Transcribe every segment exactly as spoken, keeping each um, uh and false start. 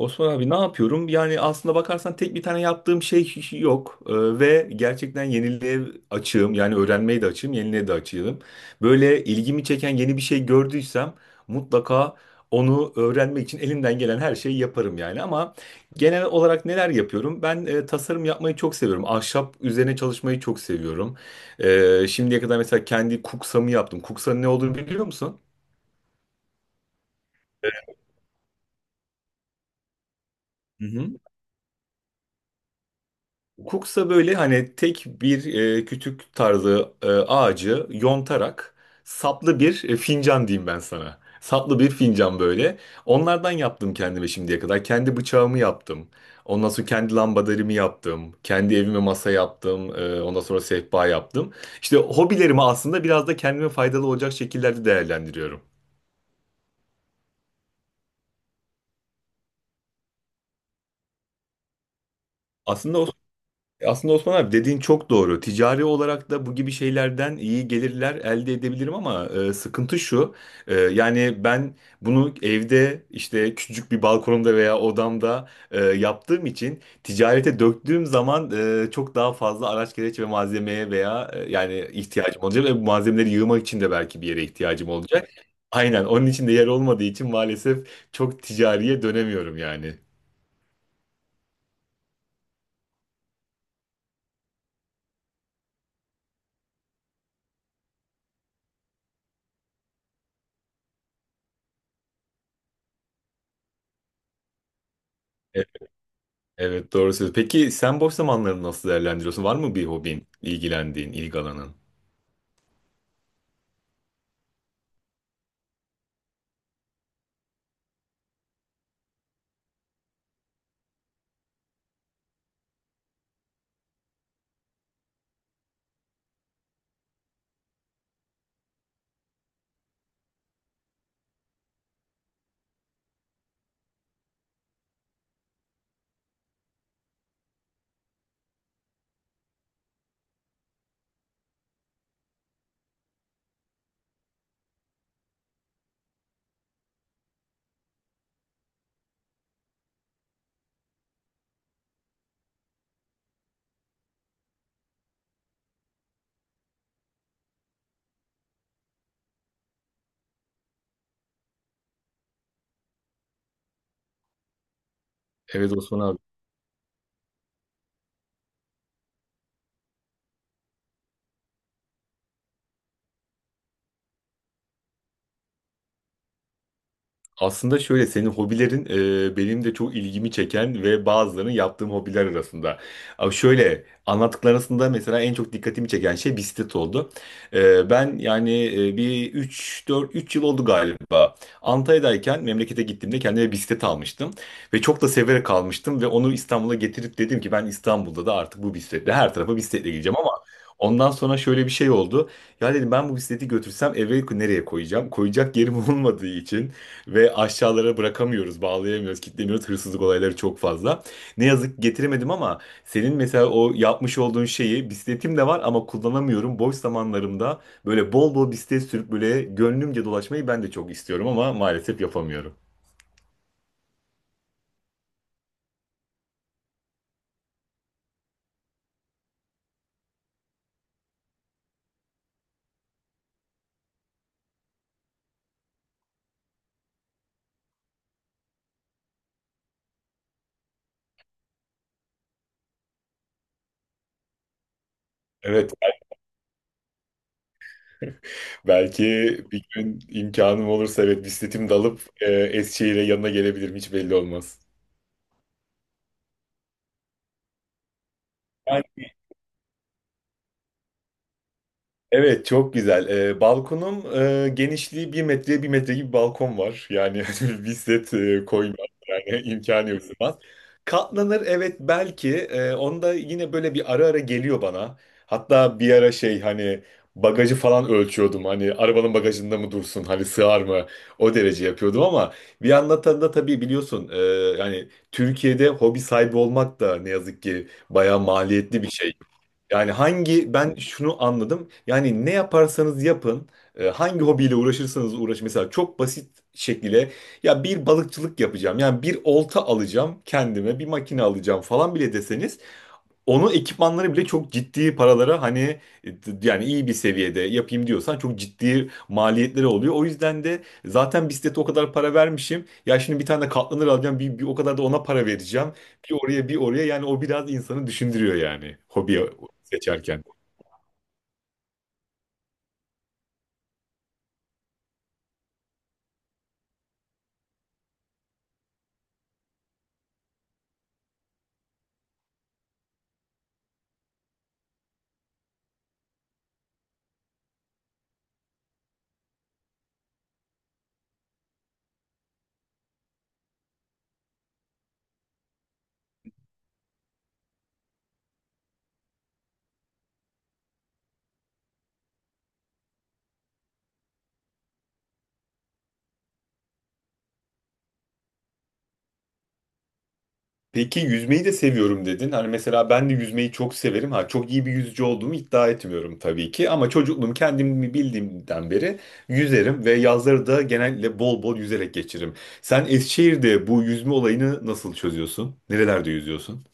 Osman abi ne yapıyorum? Yani aslında bakarsan tek bir tane yaptığım şey yok Ee, ve gerçekten yeniliğe açığım. Yani öğrenmeye de açığım, yeniliğe de açığım. Böyle ilgimi çeken yeni bir şey gördüysem mutlaka onu öğrenmek için elimden gelen her şeyi yaparım yani. Ama genel olarak neler yapıyorum? Ben e, tasarım yapmayı çok seviyorum. Ahşap üzerine çalışmayı çok seviyorum. Ee, şimdiye kadar mesela kendi kuksamı yaptım. Kuksanın ne olduğunu biliyor musun? Hı hı. Hukuksa böyle hani tek bir e, kütük tarzı e, ağacı yontarak saplı bir e, fincan diyeyim ben sana. Saplı bir fincan böyle. Onlardan yaptım kendime şimdiye kadar. Kendi bıçağımı yaptım. Ondan sonra kendi lambaderimi yaptım. Kendi evime masa yaptım. E, ondan sonra sehpa yaptım. İşte hobilerimi aslında biraz da kendime faydalı olacak şekillerde değerlendiriyorum. Aslında o E, aslında Osman abi dediğin çok doğru. Ticari olarak da bu gibi şeylerden iyi gelirler elde edebilirim ama e, sıkıntı şu. E, yani ben bunu evde işte küçücük bir balkonumda veya odamda e, yaptığım için ticarete döktüğüm zaman e, çok daha fazla araç gereç ve malzemeye veya e, yani ihtiyacım olacak ve bu malzemeleri yığmak için de belki bir yere ihtiyacım olacak. Aynen onun için de yer olmadığı için maalesef çok ticariye dönemiyorum yani. E, Evet doğru söylüyorsun. Peki sen boş zamanlarını nasıl değerlendiriyorsun? Var mı bir hobin, ilgilendiğin, ilgi alanın? Evet Osman abi. Aslında şöyle senin hobilerin e, benim de çok ilgimi çeken ve bazılarının yaptığım hobiler arasında. Ama şöyle anlattıklar arasında mesela en çok dikkatimi çeken şey bisiklet oldu. E, ben yani e, bir üç dört üç yıl oldu galiba. Antalya'dayken memlekete gittiğimde kendime bisiklet almıştım ve çok da severek almıştım ve onu İstanbul'a getirip dedim ki ben İstanbul'da da artık bu bisikletle her tarafa bisikletle gideceğim ama ondan sonra şöyle bir şey oldu. Ya dedim ben bu bisikleti götürsem eve nereye koyacağım? Koyacak yerim olmadığı için ve aşağılara bırakamıyoruz, bağlayamıyoruz, kilitlemiyoruz. Hırsızlık olayları çok fazla. Ne yazık ki getiremedim ama senin mesela o yapmış olduğun şeyi bisikletim de var ama kullanamıyorum. Boş zamanlarımda böyle bol bol bisiklet sürüp böyle gönlümce dolaşmayı ben de çok istiyorum ama maalesef yapamıyorum. Evet, belki bir gün imkanım olursa evet bisikletimi de alıp e, Eskişehir'e yanına gelebilirim hiç belli olmaz. Evet çok güzel. Ee, balkonum e, genişliği bir metreye bir metre gibi bir balkon var. Yani bir set e, koyma yani imkanı yok sığmaz. Katlanır evet belki. E, onda yine böyle bir ara ara geliyor bana. Hatta bir ara şey hani bagajı falan ölçüyordum. Hani arabanın bagajında mı dursun? Hani sığar mı? O derece yapıyordum ama bir yandan da tabii biliyorsun e, yani Türkiye'de hobi sahibi olmak da ne yazık ki bayağı maliyetli bir şey. Yani hangi ben şunu anladım. Yani ne yaparsanız yapın, e, hangi hobiyle uğraşırsanız uğraşın. Mesela çok basit şekilde ya bir balıkçılık yapacağım. Yani bir olta alacağım kendime, bir makine alacağım falan bile deseniz onun ekipmanları bile çok ciddi paralara hani e, d- yani iyi bir seviyede yapayım diyorsan çok ciddi maliyetleri oluyor. O yüzden de zaten bisiklete o kadar para vermişim. Ya şimdi bir tane de katlanır alacağım bir, bir o kadar da ona para vereceğim. Bir oraya bir oraya yani o biraz insanı düşündürüyor yani hobi seçerken. Peki yüzmeyi de seviyorum dedin. Hani mesela ben de yüzmeyi çok severim. Ha çok iyi bir yüzücü olduğumu iddia etmiyorum tabii ki ama çocukluğum kendimi bildiğimden beri yüzerim ve yazları da genellikle bol bol yüzerek geçiririm. Sen Eskişehir'de bu yüzme olayını nasıl çözüyorsun? Nerelerde yüzüyorsun?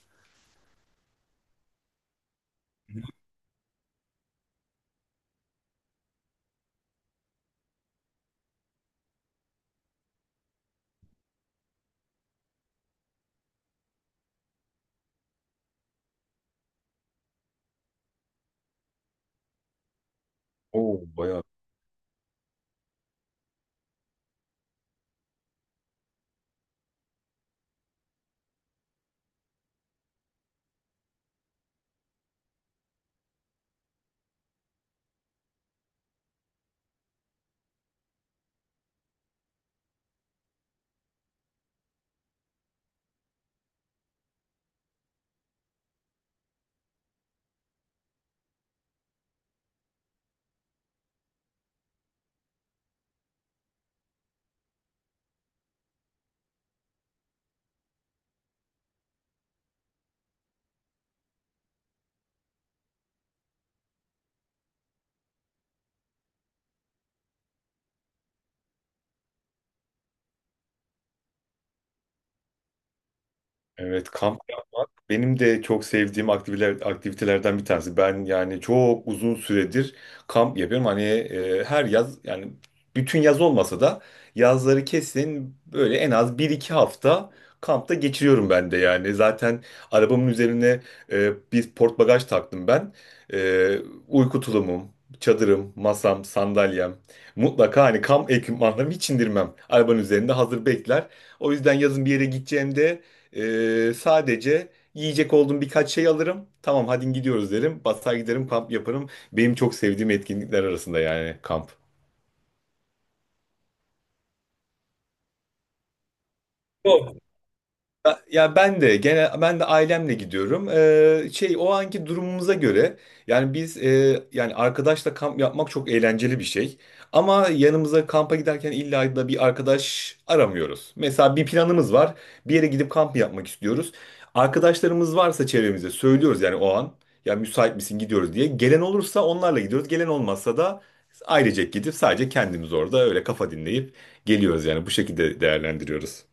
Oo, bayağı. Evet, kamp yapmak benim de çok sevdiğim aktiviteler, aktivitelerden bir tanesi. Ben yani çok uzun süredir kamp yapıyorum. Hani e, her yaz yani bütün yaz olmasa da yazları kesin böyle en az bir iki hafta kampta geçiriyorum ben de yani. Zaten arabamın üzerine e, bir port bagaj taktım ben. E, Uyku tulumum, çadırım, masam, sandalyem. Mutlaka hani kamp ekipmanlarımı hiç indirmem. Arabanın üzerinde hazır bekler. O yüzden yazın bir yere gideceğimde ee, sadece yiyecek olduğum birkaç şey alırım. Tamam hadi gidiyoruz derim. Basar giderim kamp yaparım. Benim çok sevdiğim etkinlikler arasında yani kamp. Ya ya ben de gene ben de ailemle gidiyorum. Ee, şey o anki durumumuza göre yani biz e, yani arkadaşla kamp yapmak çok eğlenceli bir şey. Ama yanımıza kampa giderken illa da bir arkadaş aramıyoruz. Mesela bir planımız var. Bir yere gidip kamp yapmak istiyoruz. Arkadaşlarımız varsa çevremizde söylüyoruz yani o an. Ya müsait misin gidiyoruz diye. Gelen olursa onlarla gidiyoruz. Gelen olmazsa da ailecek gidip sadece kendimiz orada öyle kafa dinleyip geliyoruz yani bu şekilde değerlendiriyoruz.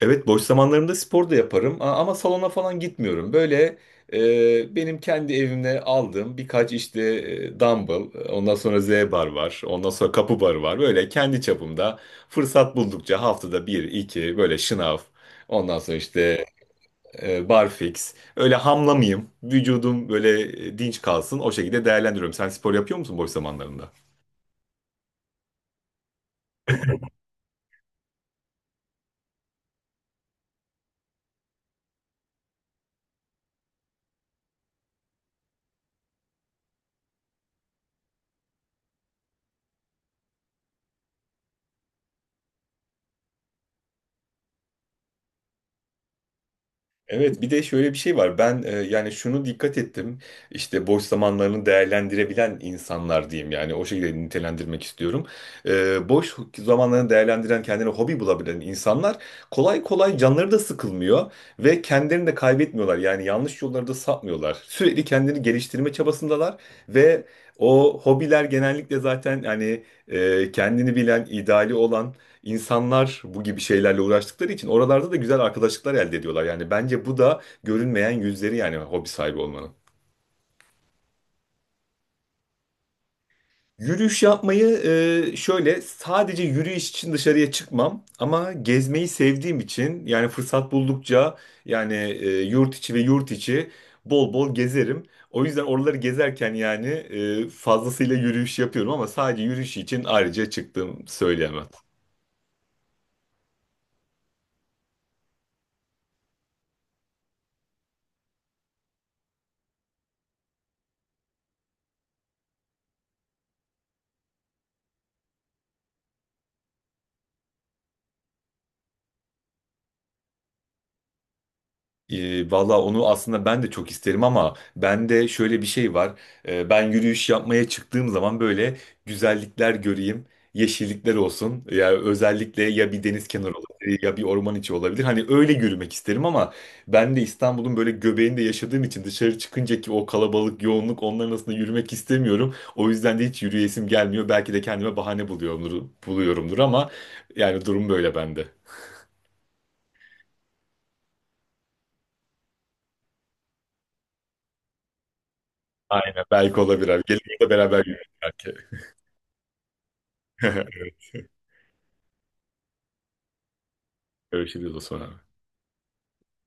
Evet boş zamanlarımda spor da yaparım A- ama salona falan gitmiyorum. Böyle e, benim kendi evimde aldığım birkaç işte e, dumbbell, e, ondan sonra Z bar var, ondan sonra kapı barı var. Böyle kendi çapımda fırsat buldukça haftada bir, iki böyle şınav, ondan sonra işte e, barfix. Öyle hamlamayayım, vücudum böyle e, dinç kalsın o şekilde değerlendiriyorum. Sen spor yapıyor musun boş zamanlarında? Evet bir de şöyle bir şey var. Ben e, yani şunu dikkat ettim. İşte boş zamanlarını değerlendirebilen insanlar diyeyim yani o şekilde nitelendirmek istiyorum. E, boş zamanlarını değerlendiren kendine hobi bulabilen insanlar kolay kolay canları da sıkılmıyor ve kendilerini de kaybetmiyorlar. Yani yanlış yollara da sapmıyorlar. Sürekli kendini geliştirme çabasındalar ve o hobiler genellikle zaten hani e, kendini bilen, ideali olan İnsanlar bu gibi şeylerle uğraştıkları için oralarda da güzel arkadaşlıklar elde ediyorlar. Yani bence bu da görünmeyen yüzleri yani hobi sahibi olmanın. Yürüyüş yapmayı e, şöyle sadece yürüyüş için dışarıya çıkmam ama gezmeyi sevdiğim için yani fırsat buldukça yani e, yurt içi ve yurt içi bol bol gezerim. O yüzden oraları gezerken yani e, fazlasıyla yürüyüş yapıyorum ama sadece yürüyüş için ayrıca çıktığım söyleyemem. E, valla onu aslında ben de çok isterim ama bende şöyle bir şey var. E, ben yürüyüş yapmaya çıktığım zaman böyle güzellikler göreyim, yeşillikler olsun. Ya özellikle ya bir deniz kenarı olabilir ya bir orman içi olabilir. Hani öyle yürümek isterim ama ben de İstanbul'un böyle göbeğinde yaşadığım için dışarı çıkınca ki o kalabalık, yoğunluk onların arasında yürümek istemiyorum. O yüzden de hiç yürüyesim gelmiyor. Belki de kendime bahane buluyorumdur, buluyorumdur ama yani durum böyle bende. Aynen belki olabilir abi. Gelin burada beraber yürüyelim belki. Görüşürüz Osman abi.